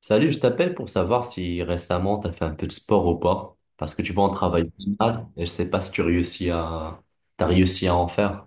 Salut, je t'appelle pour savoir si récemment tu as fait un peu de sport ou pas. Parce que tu vois, on travaille pas mal et je sais pas si t'as réussi à en faire.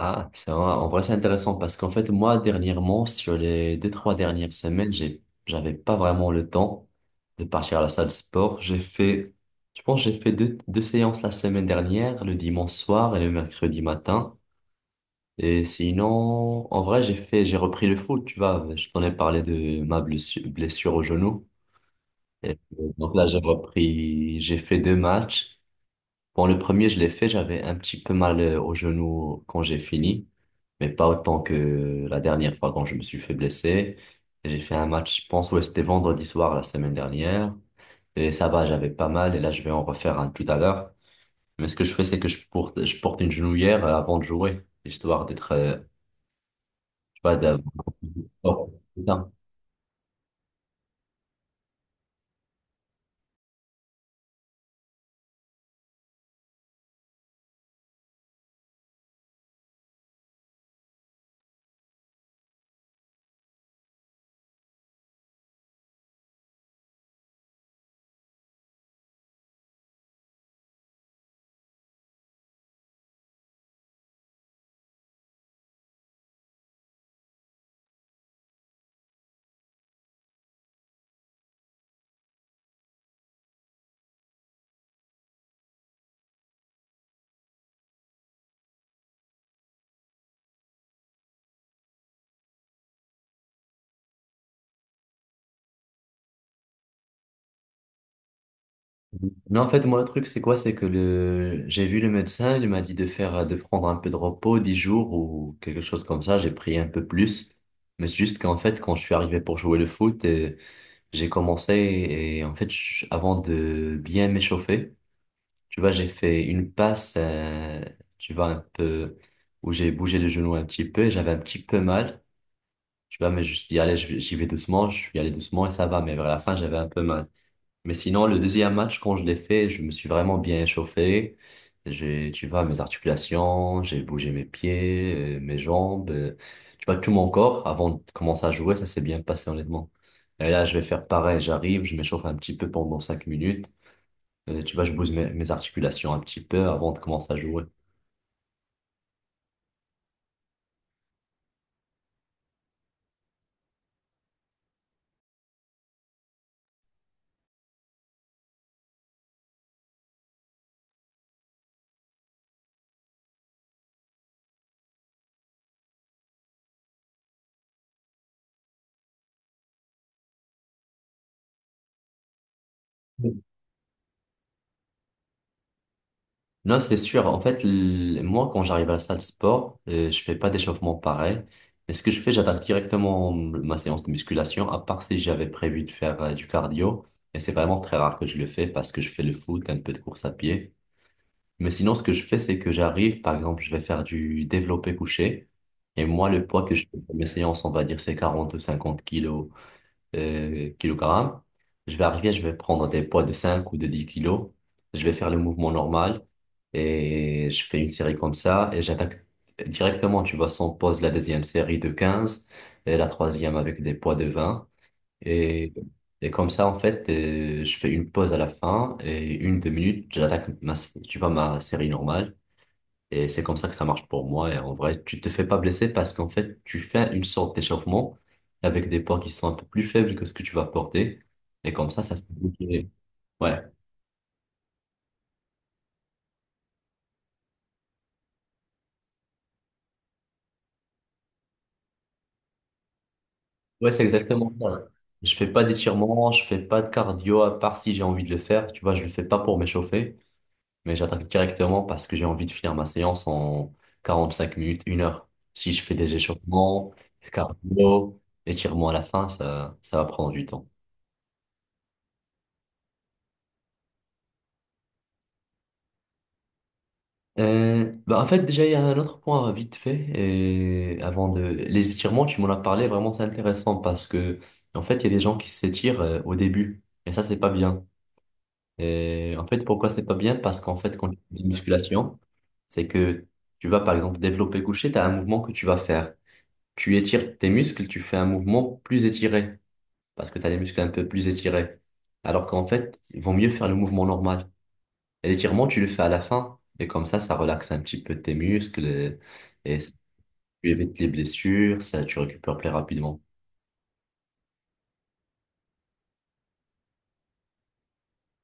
Ah, c'est vrai. En vrai, c'est intéressant parce qu'en fait, moi, dernièrement, sur les 2, 3 dernières semaines, j'avais pas vraiment le temps de partir à la salle de sport. J'ai fait, je pense, que j'ai fait deux séances la semaine dernière, le dimanche soir et le mercredi matin. Et sinon, en vrai, j'ai fait, j'ai repris le foot, tu vois. Je t'en ai parlé de ma blessure au genou. Et puis, donc là, j'ai repris, j'ai fait deux matchs. Bon, le premier, je l'ai fait, j'avais un petit peu mal au genou quand j'ai fini, mais pas autant que la dernière fois quand je me suis fait blesser. Et j'ai fait un match, je pense, ouais, c'était vendredi soir la semaine dernière. Et ça va, j'avais pas mal, et là, je vais en refaire un tout à l'heure. Mais ce que je fais, c'est que je porte une genouillère avant de jouer, histoire d'être, tu vois, d'avoir- non en fait, moi, le truc, c'est quoi? C'est que j'ai vu le médecin, il m'a dit de faire, de prendre un peu de repos, 10 jours ou quelque chose comme ça. J'ai pris un peu plus. Mais c'est juste qu'en fait, quand je suis arrivé pour jouer le foot, j'ai commencé et en fait, avant de bien m'échauffer, tu vois, j'ai fait une passe, tu vois, un peu, où j'ai bougé le genou un petit peu et j'avais un petit peu mal. Tu vois, mais je me suis dit, allez, j'y vais doucement, je suis allé doucement et ça va. Mais vers la fin, j'avais un peu mal. Mais sinon, le deuxième match, quand je l'ai fait, je me suis vraiment bien échauffé. J'ai, tu vois, mes articulations, j'ai bougé mes pieds, mes jambes, tu vois, tout mon corps avant de commencer à jouer, ça s'est bien passé honnêtement. Et là, je vais faire pareil, j'arrive, je m'échauffe un petit peu pendant 5 minutes. Tu vois, je bouge mes articulations un petit peu avant de commencer à jouer. Non, c'est sûr. En fait, moi, quand j'arrive à la salle de sport, je fais pas d'échauffement pareil. Mais ce que je fais, j'attaque directement ma séance de musculation, à part si j'avais prévu de faire du cardio. Et c'est vraiment très rare que je le fais parce que je fais le foot, un peu de course à pied. Mais sinon, ce que je fais, c'est que j'arrive, par exemple, je vais faire du développé couché. Et moi, le poids que je fais pour mes séances, on va dire, c'est 40 ou 50 kilos kilogrammes. Je vais arriver, je vais prendre des poids de 5 ou de 10 kilos. Je vais faire le mouvement normal et je fais une série comme ça et j'attaque directement, tu vois, sans pause, la deuxième série de 15 et la troisième avec des poids de 20. Et, et comme ça, en fait, je fais une pause à la fin et 1, 2 minutes, j'attaque ma, tu vois, ma série normale. Et c'est comme ça que ça marche pour moi. Et en vrai, tu te fais pas blesser parce qu'en fait, tu fais une sorte d'échauffement avec des poids qui sont un peu plus faibles que ce que tu vas porter. Et comme ça fait bouger. Ouais, ouais, c'est exactement ça. Je fais pas d'étirements, je fais pas de cardio à part si j'ai envie de le faire. Tu vois, je le fais pas pour m'échauffer, mais j'attaque directement parce que j'ai envie de finir ma séance en 45 minutes, 1 heure. Si je fais des échauffements, cardio, étirements à la fin, ça va prendre du temps. Bah en fait, déjà, il y a un autre point vite fait. Et avant de... Les étirements, tu m'en as parlé, vraiment, c'est intéressant parce que, en fait, il y a des gens qui s'étirent au début. Et ça, c'est pas bien. Et en fait, pourquoi c'est pas bien? Parce qu'en fait, quand tu fais une musculation, c'est que tu vas, par exemple, développer couché, tu as un mouvement que tu vas faire. Tu étires tes muscles, tu fais un mouvement plus étiré parce que tu as les muscles un peu plus étirés. Alors qu'en fait, il vaut mieux faire le mouvement normal. Et l'étirement, tu le fais à la fin. Et comme ça relaxe un petit peu tes muscles et ça- tu évites les blessures, ça, tu récupères plus rapidement.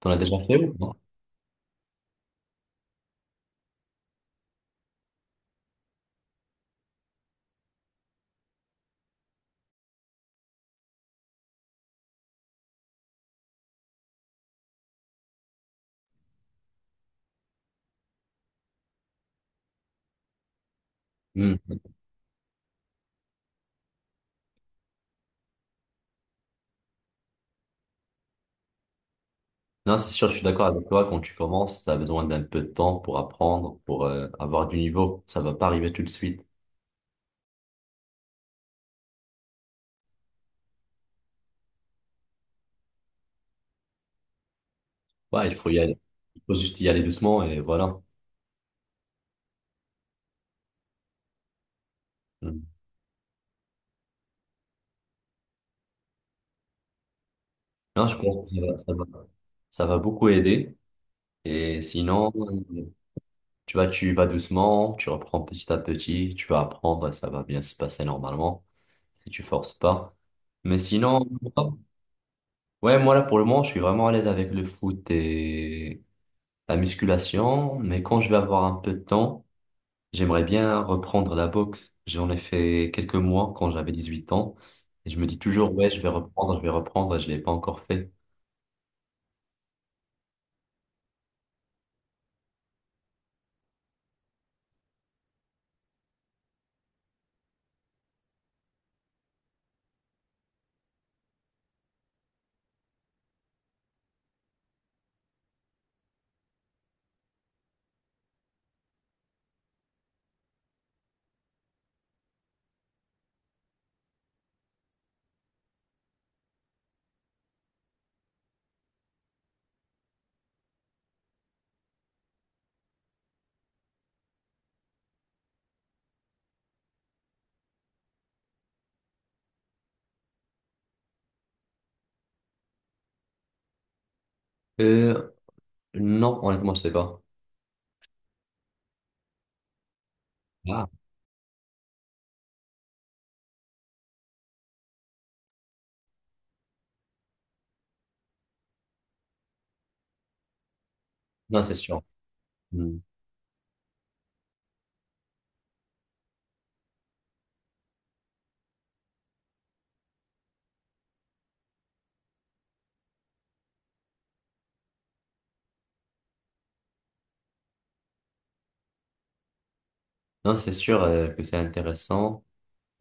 T'en as déjà fait ou non? Hmm. Non, c'est sûr, je suis d'accord avec toi. Quand tu commences, tu as besoin d'un peu de temps pour apprendre, pour avoir du niveau. Ça va pas arriver tout de suite. Ouais, il faut y aller. Il faut juste y aller doucement et voilà. Hmm. Non, je pense que ça va beaucoup aider. Et sinon, tu vois, tu y vas doucement, tu reprends petit à petit, tu vas apprendre et ça va bien se passer normalement. Si tu forces pas. Mais sinon, ouais, moi là pour le moment, je suis vraiment à l'aise avec le foot et la musculation. Mais quand je vais avoir un peu de temps, j'aimerais bien reprendre la boxe. J'en ai fait quelques mois quand j'avais 18 ans. Et je me dis toujours, ouais, je vais reprendre, et je l'ai pas encore fait. Euh, non, honnêtement, je sais pas. Ah. Non, c'est sûr. Hmm. Non, c'est sûr que c'est intéressant.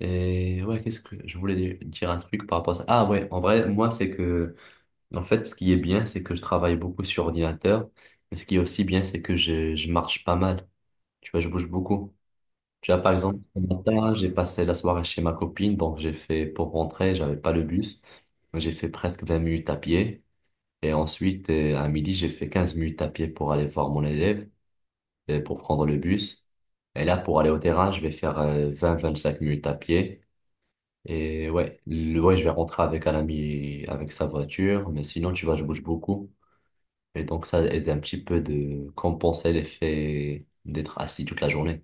Et ouais, qu'est-ce que je voulais dire un truc par rapport à ça? Ah ouais, en vrai, moi, c'est que ce qui est bien, c'est que je travaille beaucoup sur ordinateur, mais ce qui est aussi bien, c'est que je marche pas mal. Tu vois, je bouge beaucoup. Tu vois, par exemple, ce matin, j'ai passé la soirée chez ma copine, donc j'ai fait, pour rentrer, j'avais pas le bus. Donc j'ai fait presque 20 minutes à pied. Et ensuite, à midi, j'ai fait 15 minutes à pied pour aller voir mon élève, et pour prendre le bus. Et là, pour aller au terrain, je vais faire 20-25 minutes à pied. Et ouais, ouais, je vais rentrer avec un ami, avec sa voiture, mais sinon, tu vois, je bouge beaucoup. Et donc, ça aide un petit peu de compenser l'effet d'être assis toute la journée.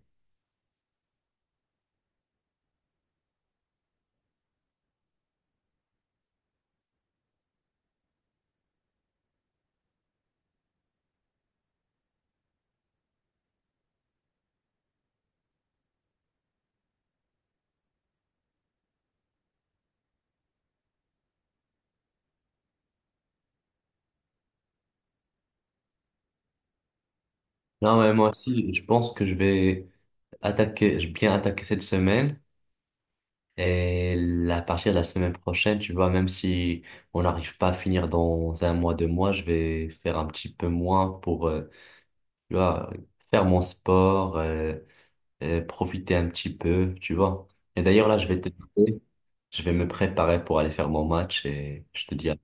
Non, mais moi aussi, je pense que je vais attaquer, je vais bien attaquer cette semaine. Et à partir de la semaine prochaine, tu vois, même si on n'arrive pas à finir dans 1 mois, 2 mois, je vais faire un petit peu moins pour, tu vois, faire mon sport, profiter un petit peu, tu vois. Et d'ailleurs, là, je vais me préparer pour aller faire mon match et je te dis à